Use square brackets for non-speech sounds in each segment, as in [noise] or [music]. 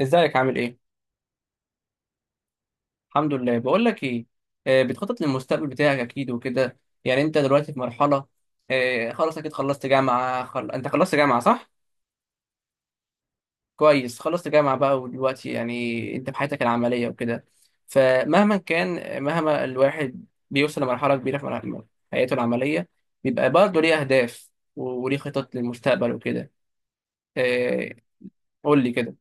ازيك عامل ايه؟ الحمد لله، بقول لك ايه. بتخطط للمستقبل بتاعك اكيد وكده. يعني انت دلوقتي في مرحلة. خلاص اكيد خلصت جامعة انت خلصت جامعة صح؟ كويس، خلصت جامعة بقى ودلوقتي يعني انت في حياتك العملية وكده. فمهما كان، مهما الواحد بيوصل لمرحلة كبيرة حياته العملية، بيبقى برضه ليه اهداف وليه خطط للمستقبل وكده. آه، قول لي كده،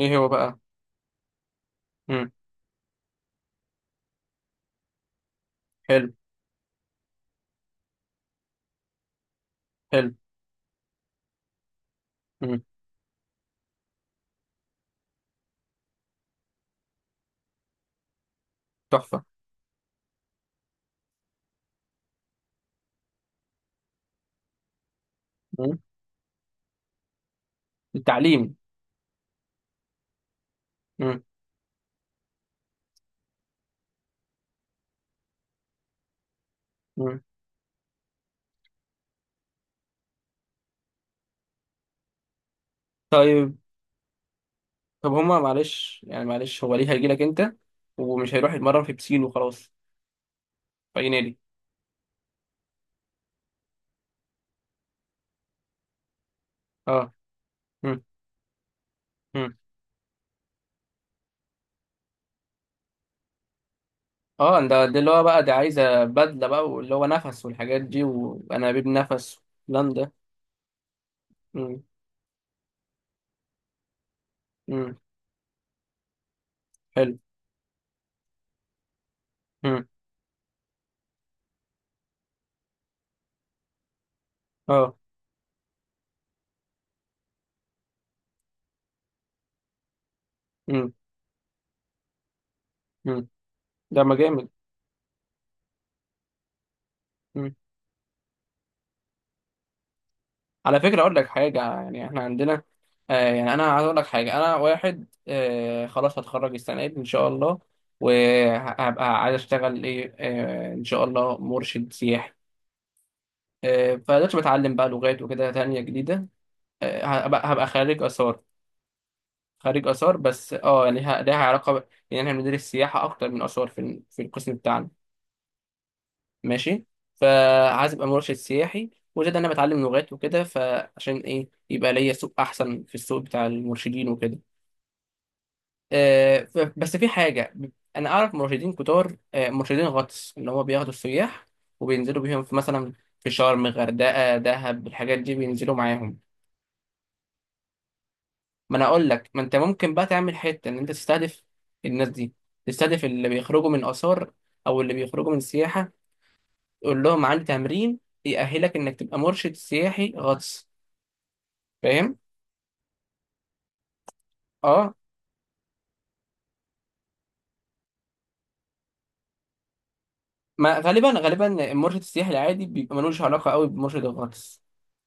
ايه هو بقى؟ مم. حلو. حلو. مم. تحفة. مم. التعليم. مم. مم. طيب. طب هما معلش هو ليه هيجي لك انت ومش هيروح يتمرن في بسين وخلاص، في اي نادي؟ اه. مم. مم. اه، ده اللي هو بقى دي عايزه بدله بقى واللي هو نفس والحاجات دي وانابيب نفس والكلام ده. مم. مم. حلو. مم. اه. مم. مم. ده ما جامد. على فكرة أقول لك حاجة، يعني إحنا عندنا. آه يعني أنا عايز أقول لك حاجة، أنا واحد خلاص هتخرج السنة دي إن شاء الله، وهبقى عايز أشتغل إيه إن شاء الله مرشد سياحي. فدلوقتي بتعلم بقى لغات وكده تانية جديدة. هبقى خريج آثار. خريج آثار، بس يعني ليها علاقة يعني إحنا بندرس سياحة أكتر من آثار في القسم بتاعنا. ماشي. فعايز ابقى مرشد سياحي، وزاد انا بتعلم لغات وكده فعشان ايه يبقى ليا سوق احسن في السوق بتاع المرشدين وكده. بس في حاجه، انا اعرف مرشدين كتار، مرشدين غطس اللي هو بياخدوا السياح وبينزلوا بيهم في مثلا، في شرم غردقه دهب الحاجات دي بينزلوا معاهم. ما انا اقول لك، ما انت ممكن بقى تعمل حته ان انت تستهدف الناس دي، تستهدف اللي بيخرجوا من اثار او اللي بيخرجوا من سياحه، قول لهم عندي تمرين يأهلك انك تبقى مرشد سياحي غطس. فاهم؟ اه. ما غالبا غالبا المرشد السياحي العادي بيبقى ملوش علاقة قوي بمرشد الغطس،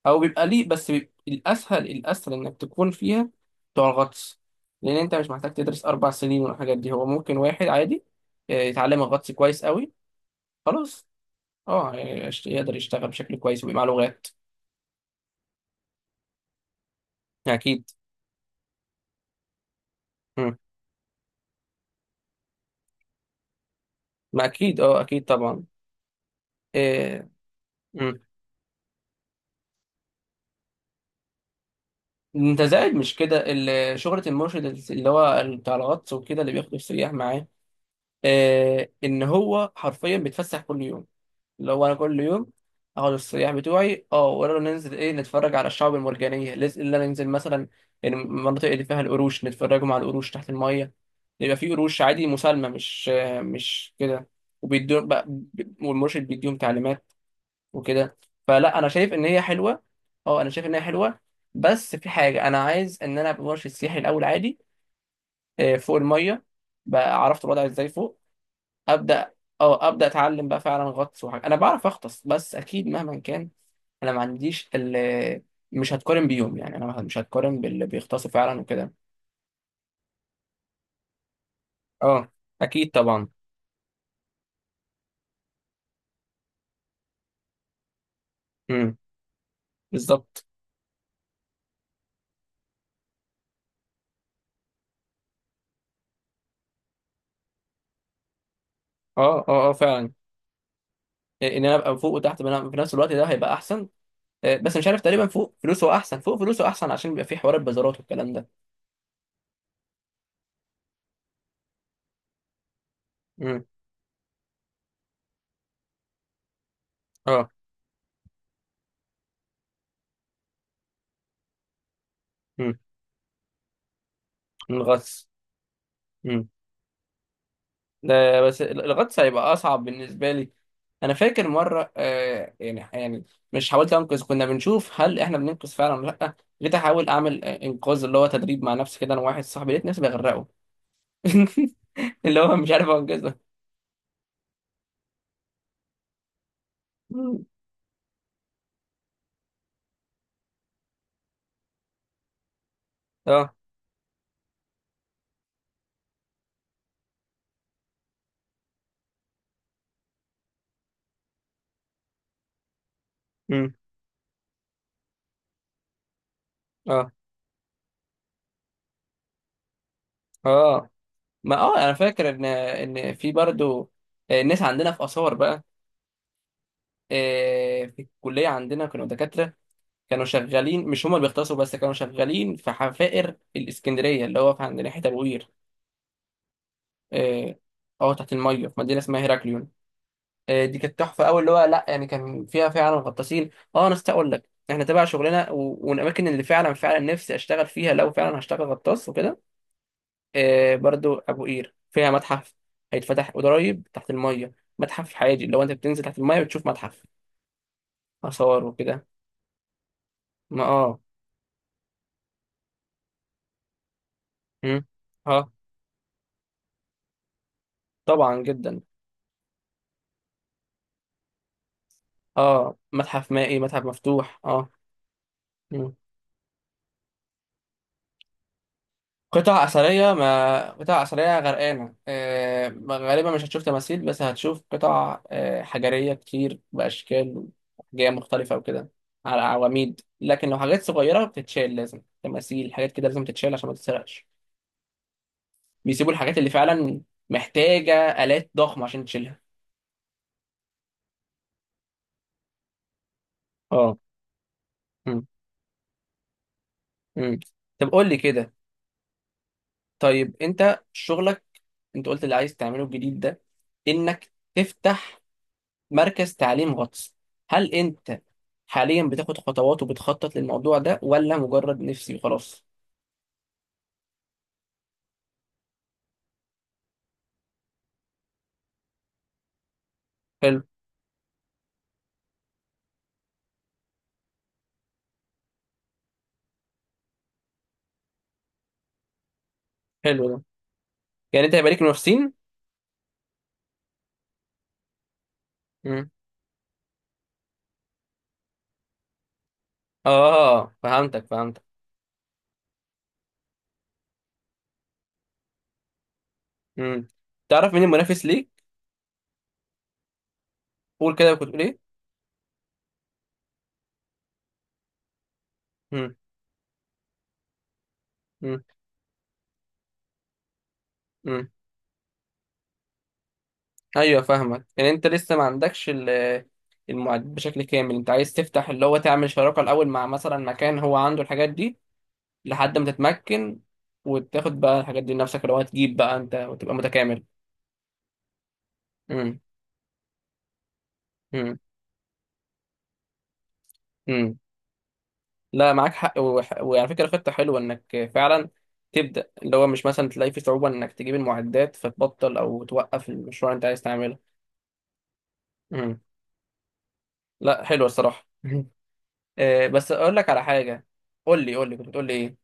او بيبقى ليه، بس بيبقى الاسهل الاسهل انك تكون فيها بتوع الغطس، لان انت مش محتاج تدرس اربع سنين والحاجات دي. هو ممكن واحد عادي يتعلم الغطس كويس قوي. خلاص. اه يعني يقدر يشتغل بشكل كويس ويبقى معاه لغات. اكيد. مم. ما اكيد طبعا. آه، انت زائد مش كده شهرة المرشد اللي هو بتاع الغطس وكده، اللي بياخد السياح معاه، ان هو حرفيا بيتفسح كل يوم. اللي هو انا كل يوم اخد السياح بتوعي، ولا ننزل ايه، نتفرج على الشعاب المرجانية، اللي أنا ننزل مثلا المناطق اللي فيها القروش، نتفرجوا على القروش تحت المية. يبقى في قروش عادي مسالمة، مش كده. وبيدوا بقى- والمرشد بيديهم تعليمات وكده. فلا انا شايف ان هي حلوه. اه انا شايف ان هي حلوه. بس في حاجه، انا عايز ان انا ابقى مرشد سياحي الاول عادي، فوق الميه، بقى عرفت الوضع ازاي فوق. ابدا. اه ابدا اتعلم بقى فعلا غطس، وحاجه انا بعرف اغطس، بس اكيد مهما كان انا ما عنديش مش هتقارن بيوم، يعني انا مش هتقارن باللي بيغطسوا فعلا وكده. اه اكيد طبعا. امم. بالظبط. اه، اه، اه، فعلا، ان انا ابقى فوق وتحت في نفس الوقت، ده هيبقى احسن. آه، بس مش عارف، تقريبا فوق فلوسه احسن، فوق فلوسه احسن عشان بيبقى فيه حوار البازارات والكلام ده. امم. اه. امم. الغطس. امم. ده بس الغطس هيبقى اصعب بالنسبه لي. انا فاكر مره، يعني مش، حاولت انقذ، كنا بنشوف هل احنا بننقذ فعلا ولا لا، جيت احاول اعمل انقاذ اللي هو تدريب مع نفسي كده، انا واحد صاحبي، لقيت نفسي بغرقه. [laughs] اللي هو مش عارف انقذه. مم. اه. امم. اه، اه. ما انا فاكر ان في برضو ناس عندنا في اثار بقى، في الكلية عندنا كانوا دكاترة، كانوا شغالين، مش هما اللي بيختصروا بس، كانوا شغالين في حفائر الإسكندرية اللي هو في عند ناحية أبوير. اه. تحت المية في مدينة اسمها هيراكليون. دي كانت تحفة أوي، اللي هو لأ يعني كان فيها فعلا غطاسين. اه، أنا أستحق أقول لك احنا تبع شغلنا والأماكن اللي فعلا فعلا نفسي أشتغل فيها، لو فعلا هشتغل غطاس وكده. برضو أبو قير فيها متحف هيتفتح قريب تحت المية، متحف حاجي اللي هو أنت بتنزل تحت المية بتشوف متحف آثار وكده. ما اه. مم. اه، طبعا جدا. اه، متحف مائي متحف مفتوح، اه. مم. قطع أثرية، ما قطع أثرية غرقانة، آه غالبا مش هتشوف تماثيل، بس هتشوف قطع حجرية كتير بأشكال وأحجام مختلفة وكده، على عواميد. لكن لو حاجات صغيرة بتتشال، لازم تماثيل حاجات كده لازم تتشال عشان ما تتسرقش. بيسيبوا الحاجات اللي فعلا محتاجة آلات ضخمة عشان تشيلها. اه. مم. مم. طب قول لي كده، طيب انت شغلك، انت قلت اللي عايز تعمله الجديد ده انك تفتح مركز تعليم غطس، هل انت حاليا بتاخد خطوات وبتخطط للموضوع ده ولا مجرد نفسي وخلاص؟ حلو. حلو ده. يعني انت هيبقى ليك منافسين؟ مم. اه، فهمتك فهمتك. مم. تعرف مين المنافس ليك؟ قول كده، كنت تقول ايه؟ مم. مم. مم. ايوه فاهمك، يعني انت لسه ما عندكش المعدات بشكل كامل، انت عايز تفتح اللي هو تعمل شراكة الاول مع مثلا مكان هو عنده الحاجات دي، لحد ما تتمكن وتاخد بقى الحاجات دي لنفسك، اللي هو هتجيب بقى انت وتبقى متكامل. امم. امم. امم. لا معاك حق، وعلى فكره خطه حلوه انك فعلا تبدا، اللي هو مش مثلا تلاقي في صعوبه انك تجيب المعدات فتبطل او توقف المشروع اللي انت عايز تعمله. امم. لا حلوه الصراحه. [laughs] بس اقول لك على حاجه. قول لي قول لي كنت بتقول لي ايه؟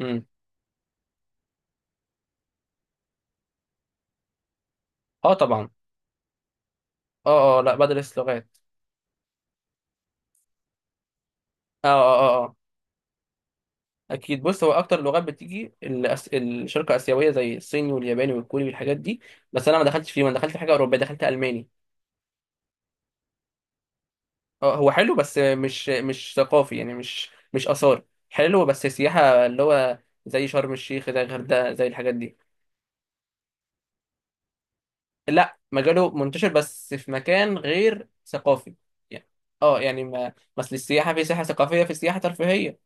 امم. اه طبعا. اه، اه، لا بدرس لغات. اه، اه، اه، آه. اكيد، بص هو اكتر لغات بتيجي الشرق اسيويه، زي الصيني والياباني والكوري والحاجات دي. بس انا ما دخلتش فيه، ما دخلت في حاجه اوروبيه، دخلت الماني. اه، هو حلو بس مش مش ثقافي، يعني مش مش اثار. حلو بس سياحه، اللي هو زي شرم الشيخ زي الغردقه زي الحاجات دي. لا مجاله منتشر، بس في مكان غير ثقافي، يعني. اه يعني ما مثل السياحه، في سياحه ثقافيه في سياحه ترفيهيه.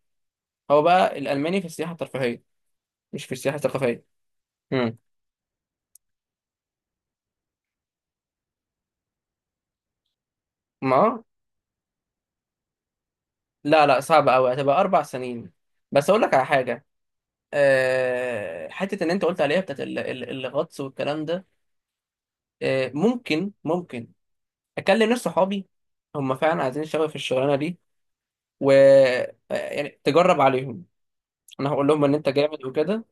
هو بقى الالماني في السياحه الترفيهيه، مش في السياحه الثقافيه. امم. ما لا، لا صعبة أوي، هتبقى أربع سنين. بس أقول لك على حاجة، أه حتة إن أنت قلت عليها بتاعت الغطس والكلام ده، أه ممكن ممكن أكلم ناس صحابي هم فعلا عايزين يشتغلوا في الشغلانة دي، و آه، يعني تجرب عليهم، أنا هقول لهم إن أنت جامد وكده،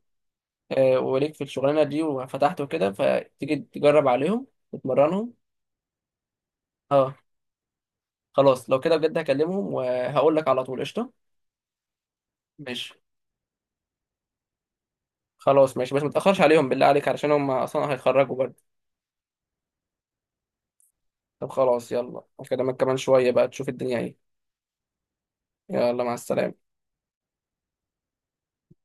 وليك في الشغلانة دي وفتحت وكده، فتيجي تجرب عليهم وتمرنهم. أه خلاص لو كده بجد هكلمهم، وهقول لك على طول قشطة. ماشي، خلاص ماشي، بس متأخرش عليهم بالله عليك علشان هم أصلا هيتخرجوا برضه. طب خلاص، يلا أكلمك كمان شوية بقى تشوف الدنيا إيه. يلا، مع السلامة.